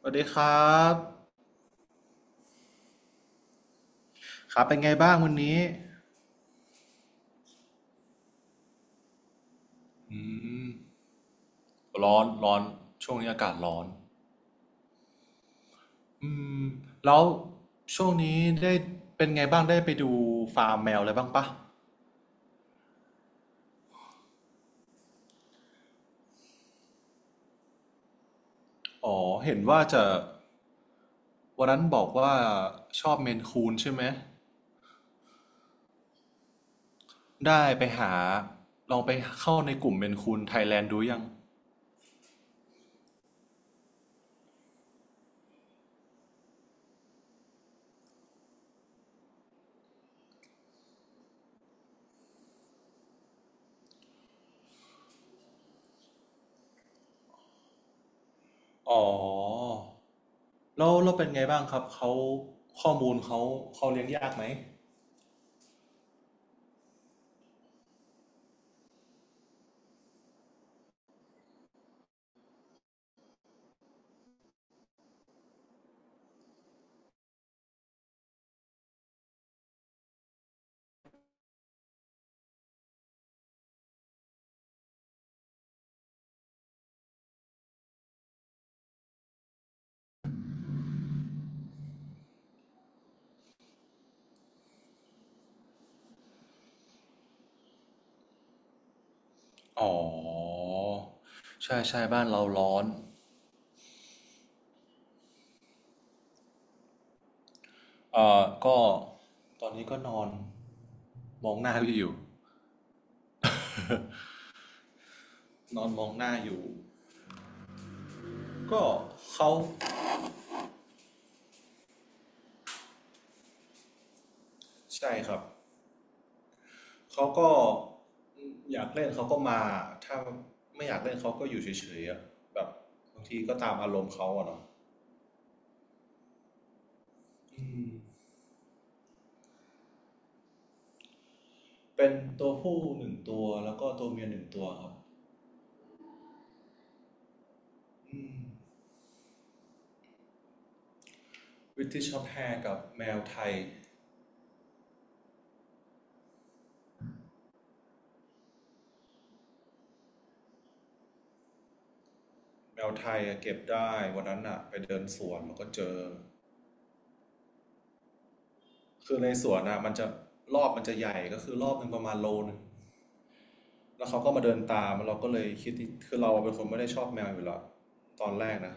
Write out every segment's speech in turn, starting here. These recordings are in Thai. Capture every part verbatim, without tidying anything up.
สวัสดีครับครับเป็นไงบ้างวันนี้ อืม ร้อน ร้อนช่วงนี้อากาศร้อนอืม แล้วช่วงนี้ได้เป็นไงบ้างได้ไปดูฟาร์มแมวอะไรบ้างปะอ๋อเห็นว่าจะวันนั้นบอกว่าชอบเมนคูนใช่ไหมได้ไปหาลองไปเข้าในกลุ่มเมนคูนไทยแลนด์ดูยังอ๋อแล้วเราเป็นไงบ้างครับเขาข้อมูลเขาเขาเลี้ยงยากไหม อ๋อใช่ใช่บ้านเราร้อนเอ่อก็ตอนนี้ก็นอนมองหน้าพี่อยู่ นอนมองหน้าอยู่ก็เขาใช่ครับเขาก็อยากเล่นเขาก็มาถ้าไม่อยากเล่นเขาก็อยู่เฉยๆอะแบบบางทีก็ตามอารมณ์เขาอะเนาะอืมเป็นตัวผู้หนึ่งตัวแล้วก็ตัวเมียหนึ่งตัวครับอืม b r i t i s แ s h กับแมวไทย แมวไทยเก็บได้วันนั้นอะไปเดินสวนมันก็เจอคือในสวนอะมันจะรอบมันจะใหญ่ก็คือรอบหนึ่งประมาณโลนึงแล้วเขาก็มาเดินตามเราก็เลยคิดที่คือเราเป็นคนไม่ได้ชอบแมวอยู่แล้วตอนแรกนะ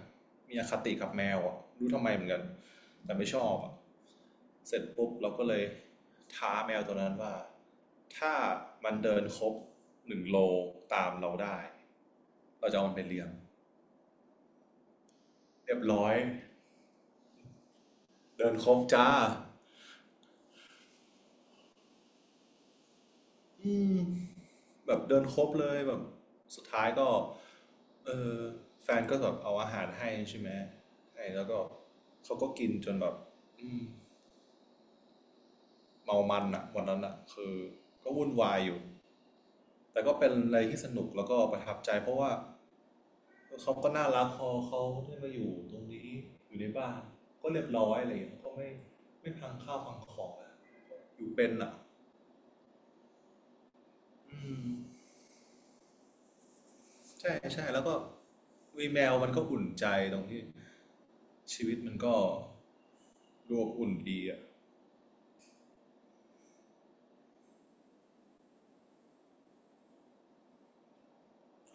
มีอคติกับแมวอะรู้ทำไมเหมือนกันแต่ไม่ชอบอะเสร็จปุ๊บเราก็เลยท้าแมวตัวนั้นว่าถ้ามันเดินครบหนึ่งโลตามเราได้เราจะเอามันไปเลี้ยงเรียบร้อยเดินครบจ้าอืม แบบเดินครบเลยแบบสุดท้ายก็เออแฟนก็แบบเอาอาหารให้ใช่ไหมให้แล้วก็เขาก็กินจนแบบอืมเมามันอะวันนั้นอะคือก็วุ่นวายอยู่แต่ก็เป็นอะไรที่สนุกแล้วก็ประทับใจเพราะว่าเขาก็น่ารักพอเขาได้มาอยู่ตรงนี้อยู่ในบ้านก็เรียบร้อยอะไรอย่างเงี้ยก็ไม่ไม่พังข้าวพังของอะอยู่เป็นอะอืม ใช่ใช่แล้วก็วีแมวมันก็อุ่นใจตรงที่ชีวิตมันก็ดูอบอุ่นดีอ่ะ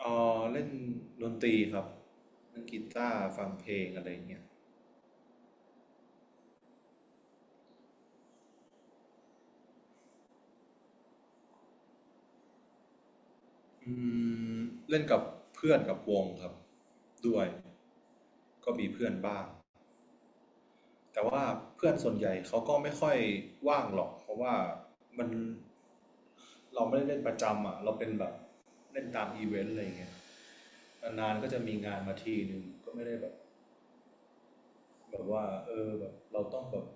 เออเล่นดนตรีครับเล่นกีตาร์ฟังเพลงอะไรอย่างเงี้ยอืมเล่นกับเพื่อนกับวงครับด้วยก็มีเพื่อนบ้างแต่ว่าเพื่อนส่วนใหญ่เขาก็ไม่ค่อยว่างหรอกเพราะว่ามันเราไม่ได้เล่นประจำอ่ะเราเป็นแบบเล่นตามอีเวนต์อะไรอย่างเงี้ย นานๆก็จะมีงานมาทีหนึ่งก็ไม่ได้แบบแบบว่าเออแบบเราต้องแบบ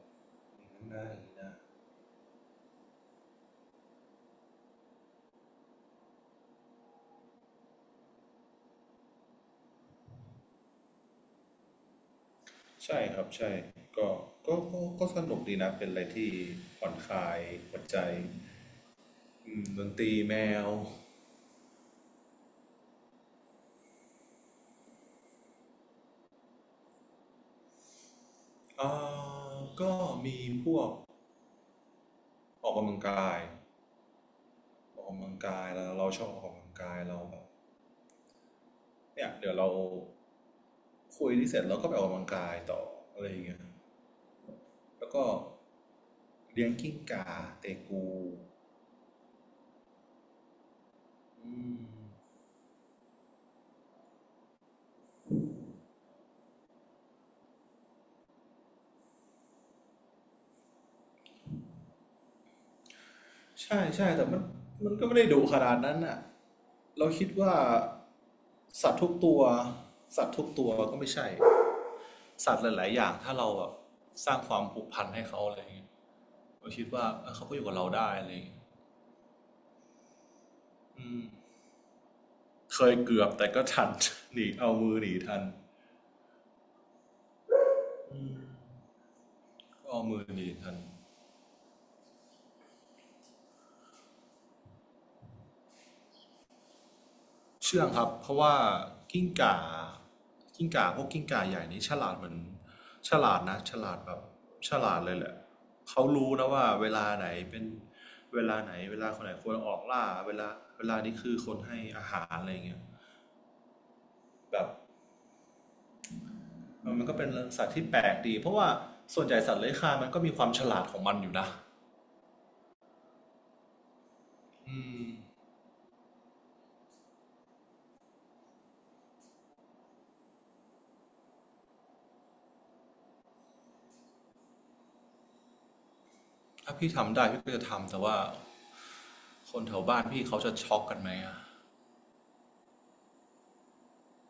อย่างนั้นนะอย่างนี้นะใช่ครับใช่ก็ก็ก็ก็สนุกดีนะเป็นอะไรที่ผ่อนคลายหัวใจอืมดนตรีแมวอ่าก็มีพวกออกกำลังกายออกกำลังกายแล้วเราชอบออกกำลังกายเราแบบเนี่ยเดี๋ยวเราคุยที่เสร็จเราก็ไปออกกำลังกายต่ออะไรอย่างเงี้ยแล้วก็เลี้ยงกิ้งก่าเตกู อืมใช่ใช่แต่มันมันก็ไม่ได้ดุขนาดนั้นน่ะเราคิดว่าสัตว์ทุกตัวสัตว์ทุกตัวก็ไม่ใช่สัตว์หลายๆอย่างถ้าเราแบบสร้างความผูกพันให้เขาอะไรอย่างเงี้ยเราคิดว่าเอ้ยเขาก็อยู่กับเราได้อะไรอย่างเงี้ยอืมเคยเกือบแต่ก็ทัน หนีเอามือหนีทันอืมก็เอามือหนีทัน เชื่องครับเพราะว่ากิ้งก่ากิ้งก่าพวกกิ้งก่าใหญ่นี้ฉลาดเหมือนฉลาดนะฉลาดแบบฉลาดเลยแหละเขารู้นะว่าเวลาไหนเป็นเวลาไหนเวลาคนไหนควรออกล่าเวลาเวลานี้คือคนให้อาหารอะไรเงี้ยแบบมันมันก็เป็นสัตว์ที่แปลกดีเพราะว่าส่วนใหญ่สัตว์เลื้อยคลานมันก็มีความฉลาดของมันอยู่นะถ้าพี่ทำได้พี่ก็จะทำแต่ว่าคนแถวบ้านพี่เขาจะช็อกกันไหมอะ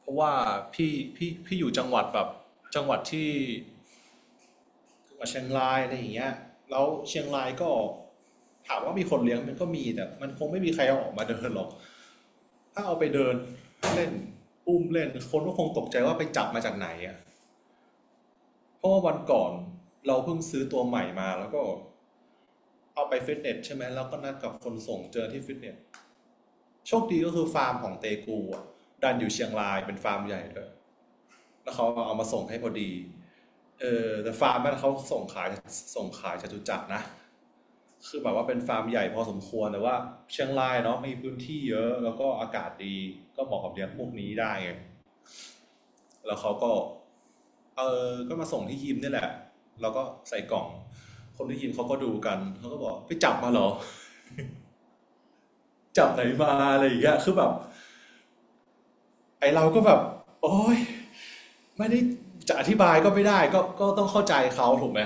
เพราะว่าพี่พี่พี่อยู่จังหวัดแบบจังหวัดที่ กับเชียงรายอะไรอย่างเงี้ยแล้วเชียงรายก็ถามว่ามีคนเลี้ยงมันก็มีแต่มันคงไม่มีใครเอาออกมาเดินหรอกถ้าเอาไปเดินเล่นอุ้มเล่นคนก็คงตกใจว่าไปจับมาจากไหนอ่ะเพราะว่าวันก่อนเราเพิ่งซื้อตัวใหม่มาแล้วก็เอาไปฟิตเนสใช่ไหมแล้วก็นัดกับคนส่งเจอที่ฟิตเนสโชคดีก็คือฟาร์มของเตกูอ่ะดันอยู่เชียงรายเป็นฟาร์มใหญ่เลย แล้วเขาเอามาส่งให้พอดีเออแต่ฟาร์มนั้นเขาส่งขายส่งขายจตุจักรนะคือแบบว่าเป็นฟาร์มใหญ่พอสมควรแต่ว่าเชียงรายเนาะมีพื้นที่เยอะแล้วก็อากาศดีก็เหมาะกับเลี้ยงพวกนี้ได้ไงแล้วเขาก็เออก็มาส่งที่ยิมนี่แหละแล้วก็ใส่กล่องคนที่ยิมเขาก็ดูกันเขาก็บอกไปจับมาเหรอจับไหนมาอะไรอย่างเงี้ยคือแบบไอเราก็แบบโอ๊ยไม่ได้จะอธิบายก็ไม่ได้ก็ก็ต้องเข้าใจเขาถูกไหม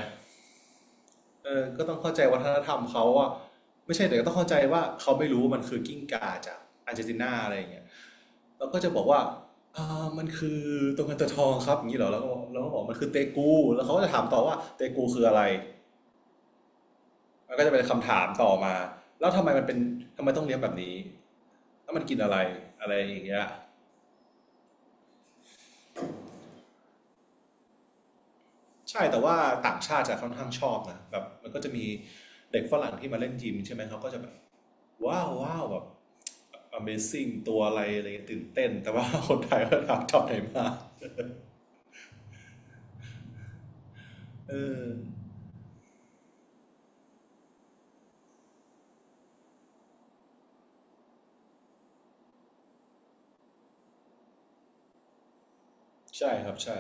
เออก็ต้องเข้าใจวัฒนธรรมเขาอะไม่ใช่แต่ก็ต้องเข้าใจว่าเขาไม่รู้ว่ามันคือกิ้งก่าจากอาร์เจนตินาอะไรอย่างเงี้ยแล้วก็จะบอกว่าอ่ามันคือตัวเงินตัวทองครับอย่างนี้เหรอแล้วก็แล้วก็บอกมันคือเตกูแล้วเขาก็จะถามต่อว่าเตกูคืออะไรมันก็จะเป็นคำถามต่อมาแล้วทำไมมันเป็นทำไมต้องเลี้ยงแบบนี้แล้วมันกินอะไรอะไรอย่างเงี้ยใช่แต่ว่าต่างชาติจะค่อนข้างชอบนะแบบมันก็จะมีเด็กฝรั่งที่มาเล่นยิมใช่ไหมเขาก็จะแบบ ว้าวว้าวแบบ Amazing ตัวอะไรอะไรเงี้ยตื่นเต้น แต่ว่าคนไทยก็ถามจอบไหนมาเออใช่ครับใช่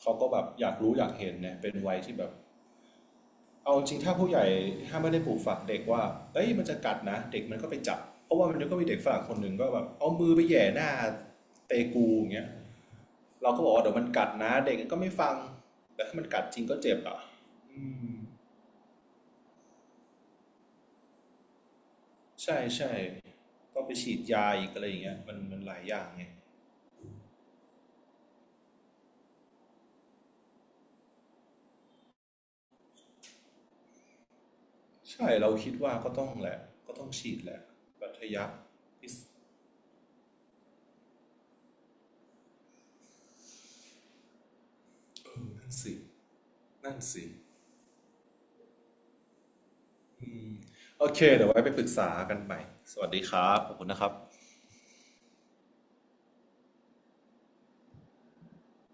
เขาก็แบบอยากรู้อยากเห็นเนี่ยเป็นวัยที่แบบเอาจริงถ้าผู้ใหญ่ถ้าไม่ได้ปลูกฝังเด็กว่าเอ้ยมันจะกัดนะเด็กมันก็ไปจับเพราะว่ามันก็มีเด็กฝรั่งคนหนึ่งก็แบบเอามือไปแหย่หน้าเตกูอย่างเงี้ยเราก็บอกว่าเดี๋ยวมันกัดนะเด็กก็ไม่ฟังแต่ถ้ามันกัดจริงก็เจ็บอ่ะอืมใช่ใช่ก็ไปฉีดยาอีกอะไรอย่างเงี้ยมันมันหลายอย่างไง ใช่เราคิดว่าก็ต้องแหละก็ต้องฉีดแหละบัตรทยักพินั่นสินั่นสิโอเคเดี๋ยวไว้ไปปรึกษากันใหม่สวัสดีครับขอบคุณนะครับ